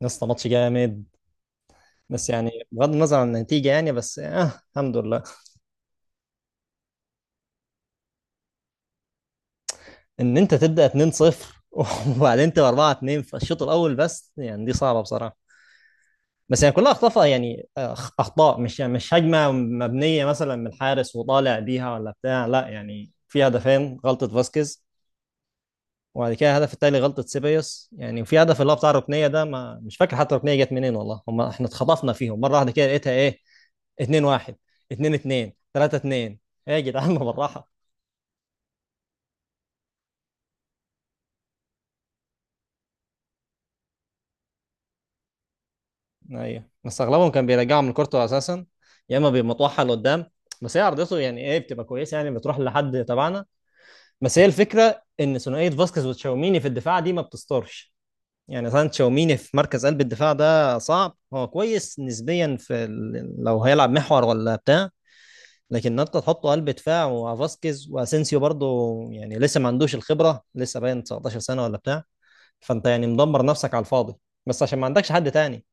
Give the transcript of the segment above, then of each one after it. يا اسطى، ماتش جامد. بس يعني بغض النظر عن النتيجه، يعني بس الحمد لله. ان انت تبدا 2-0 وبعدين تبقى 4-2 في الشوط الاول، بس يعني دي صعبه بصراحه. بس يعني كلها اخطاء، يعني اخطاء، مش يعني مش هجمه مبنيه مثلا من الحارس وطالع بيها ولا بتاع، لا يعني في هدفين غلطه فاسكيز. وبعد كده الهدف التالي غلطه سيبايوس يعني. وفي هدف اللي هو بتاع الركنيه ده، ما مش فاكر حتى الركنيه جت منين والله. هم احنا اتخطفنا فيهم مره واحده كده لقيتها ايه، 2-1، 2-2، 3-2. ايه يا جدعان بالراحه. ايوه بس اغلبهم كان بيرجعوا من كورته اساسا. يا اما بيمطوحها لقدام، بس هي عرضته يعني ايه بتبقى كويسه يعني بتروح لحد تبعنا. بس هي الفكره ان ثنائيه فاسكيز وتشاوميني في الدفاع دي ما بتسترش. يعني مثلا تشاوميني في مركز قلب الدفاع ده صعب، هو كويس نسبيا في لو هيلعب محور ولا بتاع. لكن انت تحطه قلب دفاع، وفاسكيز واسينسيو برضه يعني لسه ما عندوش الخبره، لسه باين 19 سنه ولا بتاع. فانت يعني مدمر نفسك على الفاضي، بس عشان ما عندكش حد تاني.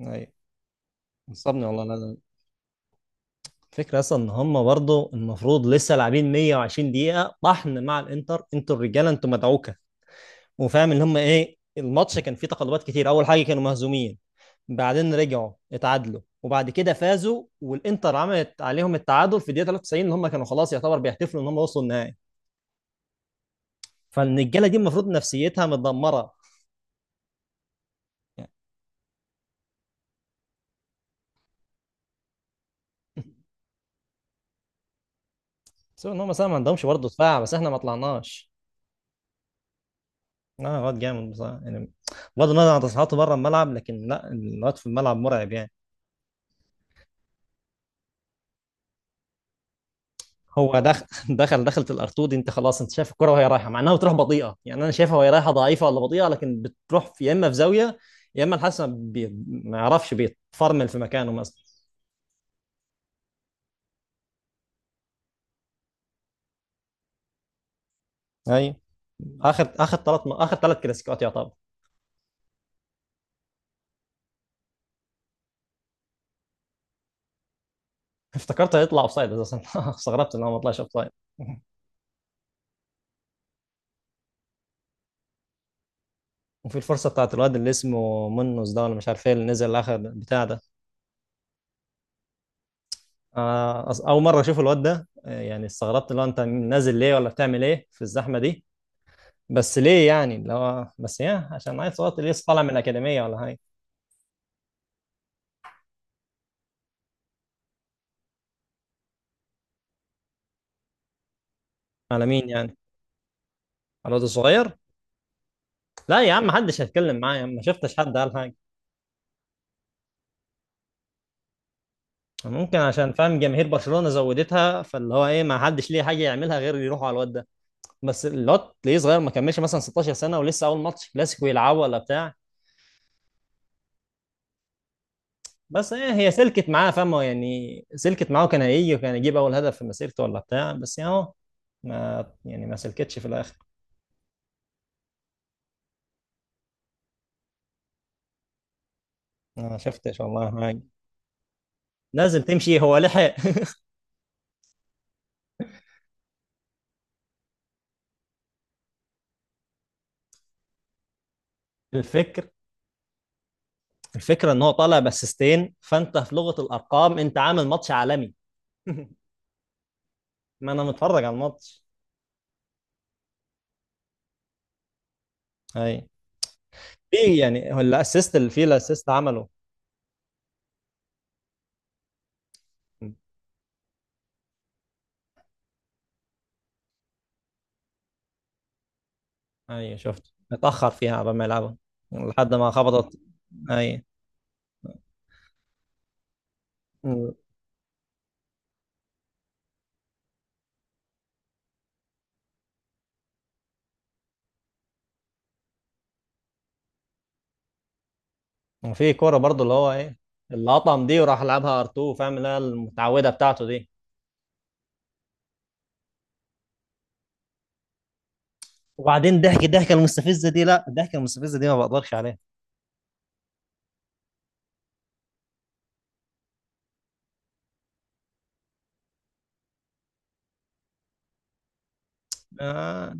امم. نصبني والله، لا لا. الفكرة أصلا إن هم برضه المفروض لسه لاعبين 120 دقيقة طحن مع الإنتر، أنتوا الرجالة أنتوا مدعوكة. وفاهم إن هم إيه الماتش كان فيه تقلبات كتير، أول حاجة كانوا مهزومين، بعدين رجعوا اتعادلوا، وبعد كده فازوا، والإنتر عملت عليهم التعادل في الدقيقة 93، إن هم كانوا خلاص يعتبر بيحتفلوا إن هم وصلوا النهائي. فالرجالة دي المفروض نفسيتها متدمرة يعني. سواء إن هم مثلا ما عندهمش برضه دفاع، بس إحنا ما طلعناش. لا الواد جامد بصراحة يعني. بغض النظر عن تصريحاته بره الملعب، لكن لا الواد في الملعب مرعب يعني. هو دخل دخلت الارتو دي، انت خلاص، انت شايف الكرة وهي رايحة، مع انها بتروح بطيئة، يعني انا شايفها وهي رايحة ضعيفة ولا بطيئة، لكن بتروح في يا اما في زاوية، يا اما الحسن ما يعرفش بيتفرمل في مكانه مثلا. ايوه، اخر ثلاث كلاسيكوات يعتبر. افتكرت هيطلع اوفسايد اساسا. استغربت ان هو ما طلعش اوفسايد. وفي الفرصة بتاعت الواد اللي اسمه منوس ده، ولا مش عارف ايه اللي نزل اخر بتاع ده. اول مره اشوف الواد ده، يعني استغربت، لو انت نازل ليه ولا بتعمل ايه في الزحمه دي؟ بس ليه يعني اللي هو بس يا عشان عيل صغير ليه طالع من الاكاديميه ولا حاجه؟ على مين يعني؟ على الواد الصغير؟ لا يا عم محدش هيتكلم معايا يا عم، ما شفتش حد قال حاجه. ممكن عشان فاهم جماهير برشلونه زودتها، فاللي هو ايه ما حدش ليه حاجه يعملها غير يروحوا على الواد ده. بس الواد ليه صغير، ما كملش مثلا 16 سنه، ولسه اول ماتش كلاسيكو يلعبه ولا بتاع. بس ايه هي سلكت معاه، فاهمه يعني، سلكت معاه كان هيجي وكان يجيب اول هدف في مسيرته ولا بتاع، بس يعني اهو، ما يعني ما سلكتش في الاخر. ما شفتش والله حاجه. لازم تمشي، هو لحق. الفكر الفكره ان هو طالع باسيستين، فانت في لغه الارقام انت عامل ماتش عالمي. ما انا متفرج على الماتش. اي، في يعني هو الاسيست اللي فيه الاسيست عمله. اي، شفت اتاخر فيها قبل ما يلعبها لحد ما خبطت. اي، وفي كورة برضو اللي هو ايه، اللي قطم دي وراح لعبها ار 2، فاهم اللي هي المتعودة بتاعته دي. وبعدين ضحك الضحكه المستفزه دي، لا الضحكه المستفزه دي ما بقدرش عليها. آه.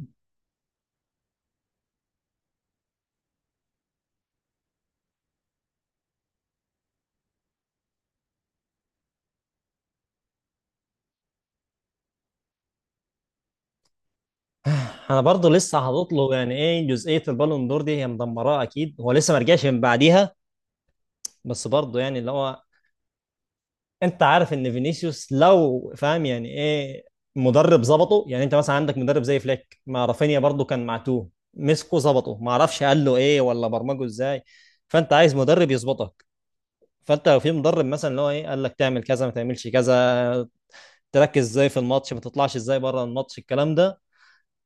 انا برضو لسه هتطلب يعني ايه جزئية البالون دور دي، هي مدمراه اكيد، هو لسه ما رجعش من بعديها. بس برضو يعني اللي هو، انت عارف ان فينيسيوس لو فاهم يعني ايه مدرب ظبطه. يعني انت مثلا عندك مدرب زي فليك مع رافينيا، برضو كان معتوه مسكه ظبطه، ما اعرفش قال له ايه ولا برمجه ازاي. فانت عايز مدرب يظبطك. فانت لو في مدرب مثلا اللي هو ايه قال لك تعمل كذا ما تعملش كذا، تركز ازاي في الماتش، ما تطلعش ازاي بره الماتش الكلام ده.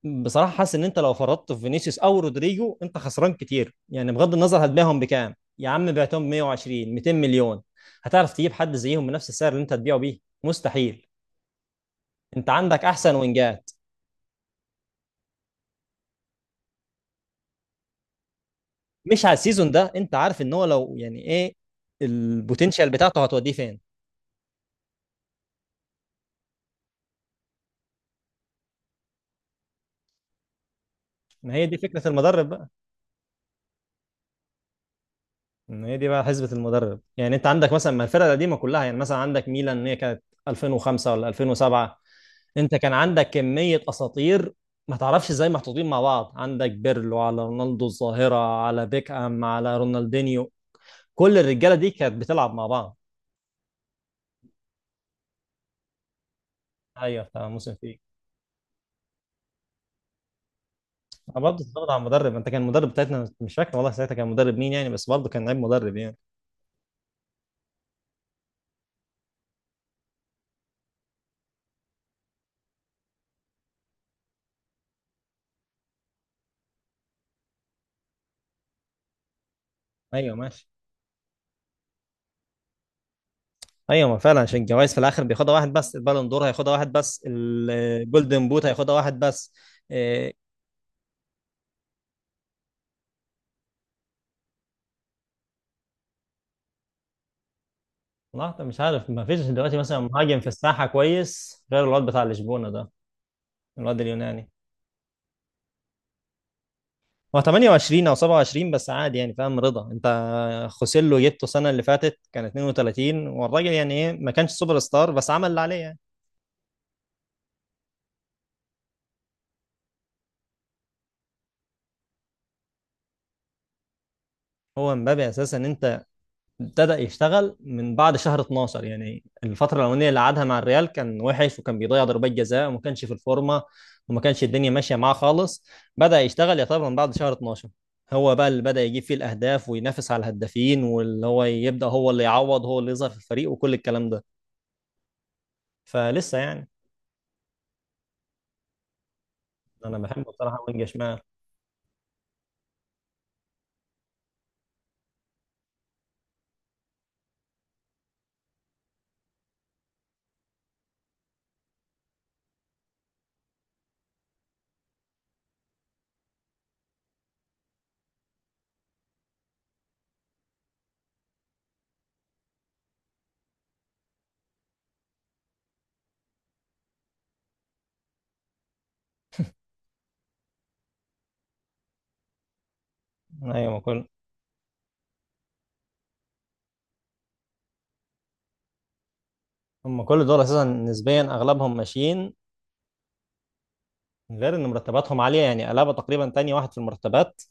بصراحه حاسس ان انت لو فرطت في فينيسيوس او رودريجو انت خسران كتير يعني. بغض النظر هتبيعهم بكام يا عم، بعتهم 120، 200 مليون، هتعرف تجيب حد زيهم بنفس السعر اللي انت هتبيعه بيه؟ مستحيل. انت عندك احسن وينجات. مش على السيزون ده، انت عارف ان هو لو يعني ايه البوتنشال بتاعته هتوديه فين. ما هي دي فكره المدرب بقى. إن هي دي بقى حسبة المدرب. يعني انت عندك مثلا ما الفرقة القديمة كلها، يعني مثلا عندك ميلان ان هي كانت 2005 ولا 2007، انت كان عندك كمية اساطير، ما تعرفش ازاي محطوطين مع بعض، عندك بيرلو على رونالدو الظاهرة على بيكهام على رونالدينيو، كل الرجالة دي كانت بتلعب مع بعض. ايوه بتاع موسم فيه. انا برضه اتفرجت على المدرب، انت كان المدرب بتاعتنا مش فاكر والله ساعتها كان مدرب مين يعني، بس برضه كان لعيب مدرب يعني. ايوه ماشي. ايوه ما فعلا، عشان الجوائز في الاخر بياخدها واحد بس، البالون دور هياخدها واحد بس، الجولدن بوت هياخدها واحد بس. إيه. لحظه، مش عارف، ما فيش دلوقتي مثلا مهاجم في الساحه كويس غير الواد بتاع لشبونه ده، الواد اليوناني. هو 28 او 27، بس عادي يعني، فاهم رضا انت. خوسيلو جبته السنه اللي فاتت كان 32، والراجل يعني ايه ما كانش سوبر ستار، بس عمل اللي عليه يعني. هو مبابي اساسا، انت ابتدى يشتغل من بعد شهر 12، يعني الفترة الأولانية اللي قعدها مع الريال كان وحش وكان بيضيع ضربات جزاء، وما كانش في الفورمة، وما كانش الدنيا ماشية معاه خالص. بدأ يشتغل يعتبر من بعد شهر 12، هو بقى اللي بدأ يجيب فيه الأهداف وينافس على الهدافين، واللي هو يبدأ هو اللي يعوض، هو اللي يظهر في الفريق وكل الكلام ده. فلسه يعني. أنا بحبه بصراحة وينج شمال. أيوة ما كل، هم كل دول أساسا نسبيا أغلبهم ماشيين، غير إن مرتباتهم عالية، يعني ألابا تقريبا تاني واحد في المرتبات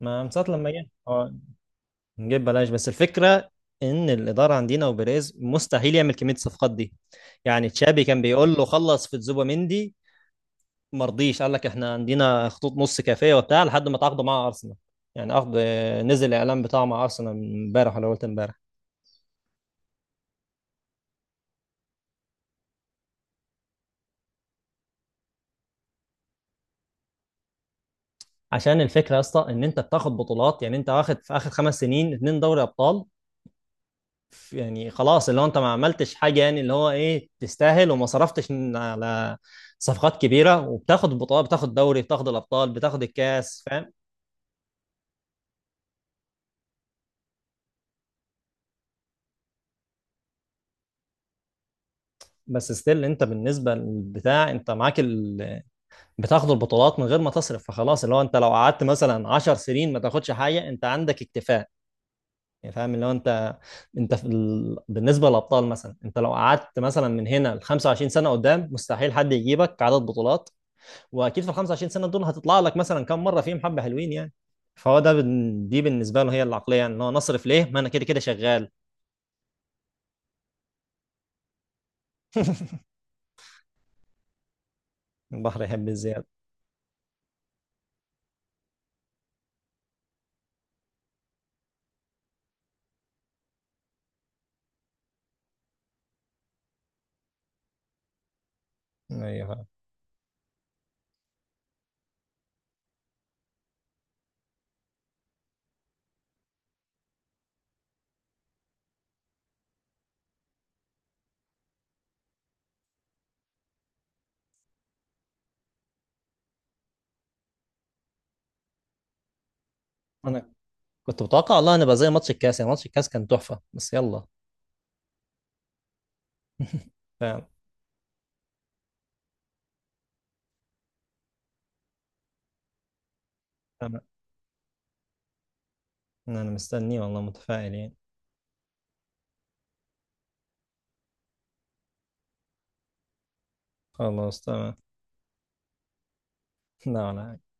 ما من ساعة لما جه هو. نجيب بلاش، بس الفكرة ان الإدارة عندنا وبيريز مستحيل يعمل كمية الصفقات دي. يعني تشابي كان بيقول له خلص في تزوبيميندي، مرضيش، قال لك احنا عندنا خطوط نص كافية وبتاع، لحد ما تعاقدوا مع أرسنال. يعني عقد نزل الإعلان بتاعه مع أرسنال من امبارح، ولا قلت امبارح. عشان الفكرة يا اسطى ان انت بتاخد بطولات، يعني انت واخد في آخر 5 سنين اتنين دوري أبطال، يعني خلاص اللي هو انت ما عملتش حاجه، يعني اللي هو ايه تستاهل، وما صرفتش على صفقات كبيره وبتاخد بطولات، بتاخد دوري، بتاخد الابطال، بتاخد الكاس، فاهم. بس ستيل انت بالنسبه للبتاع انت معاك بتاخد البطولات من غير ما تصرف، فخلاص اللي هو انت لو قعدت مثلا 10 سنين ما تاخدش حاجه انت عندك اكتفاء يعني، فاهم اللي هو انت، انت في بالنسبه للابطال مثلا انت لو قعدت مثلا من هنا ل 25 سنه قدام مستحيل حد يجيبك عدد بطولات. واكيد في ال 25 سنه دول هتطلع لك مثلا كام مره فيهم حبه حلوين يعني. فهو دي بالنسبه له هي العقليه، يعني ان هو نصرف ليه ما انا كده كده شغال. البحر يحب الزياده. ايوه فعلا. انا كنت متوقع والله ان بقى زي ماتش الكاس، يعني ماتش الكاس كان تحفه، بس يلا. فعلا. انا أنا مستني والله متفائل يعني. خلاص تمام. لا ولا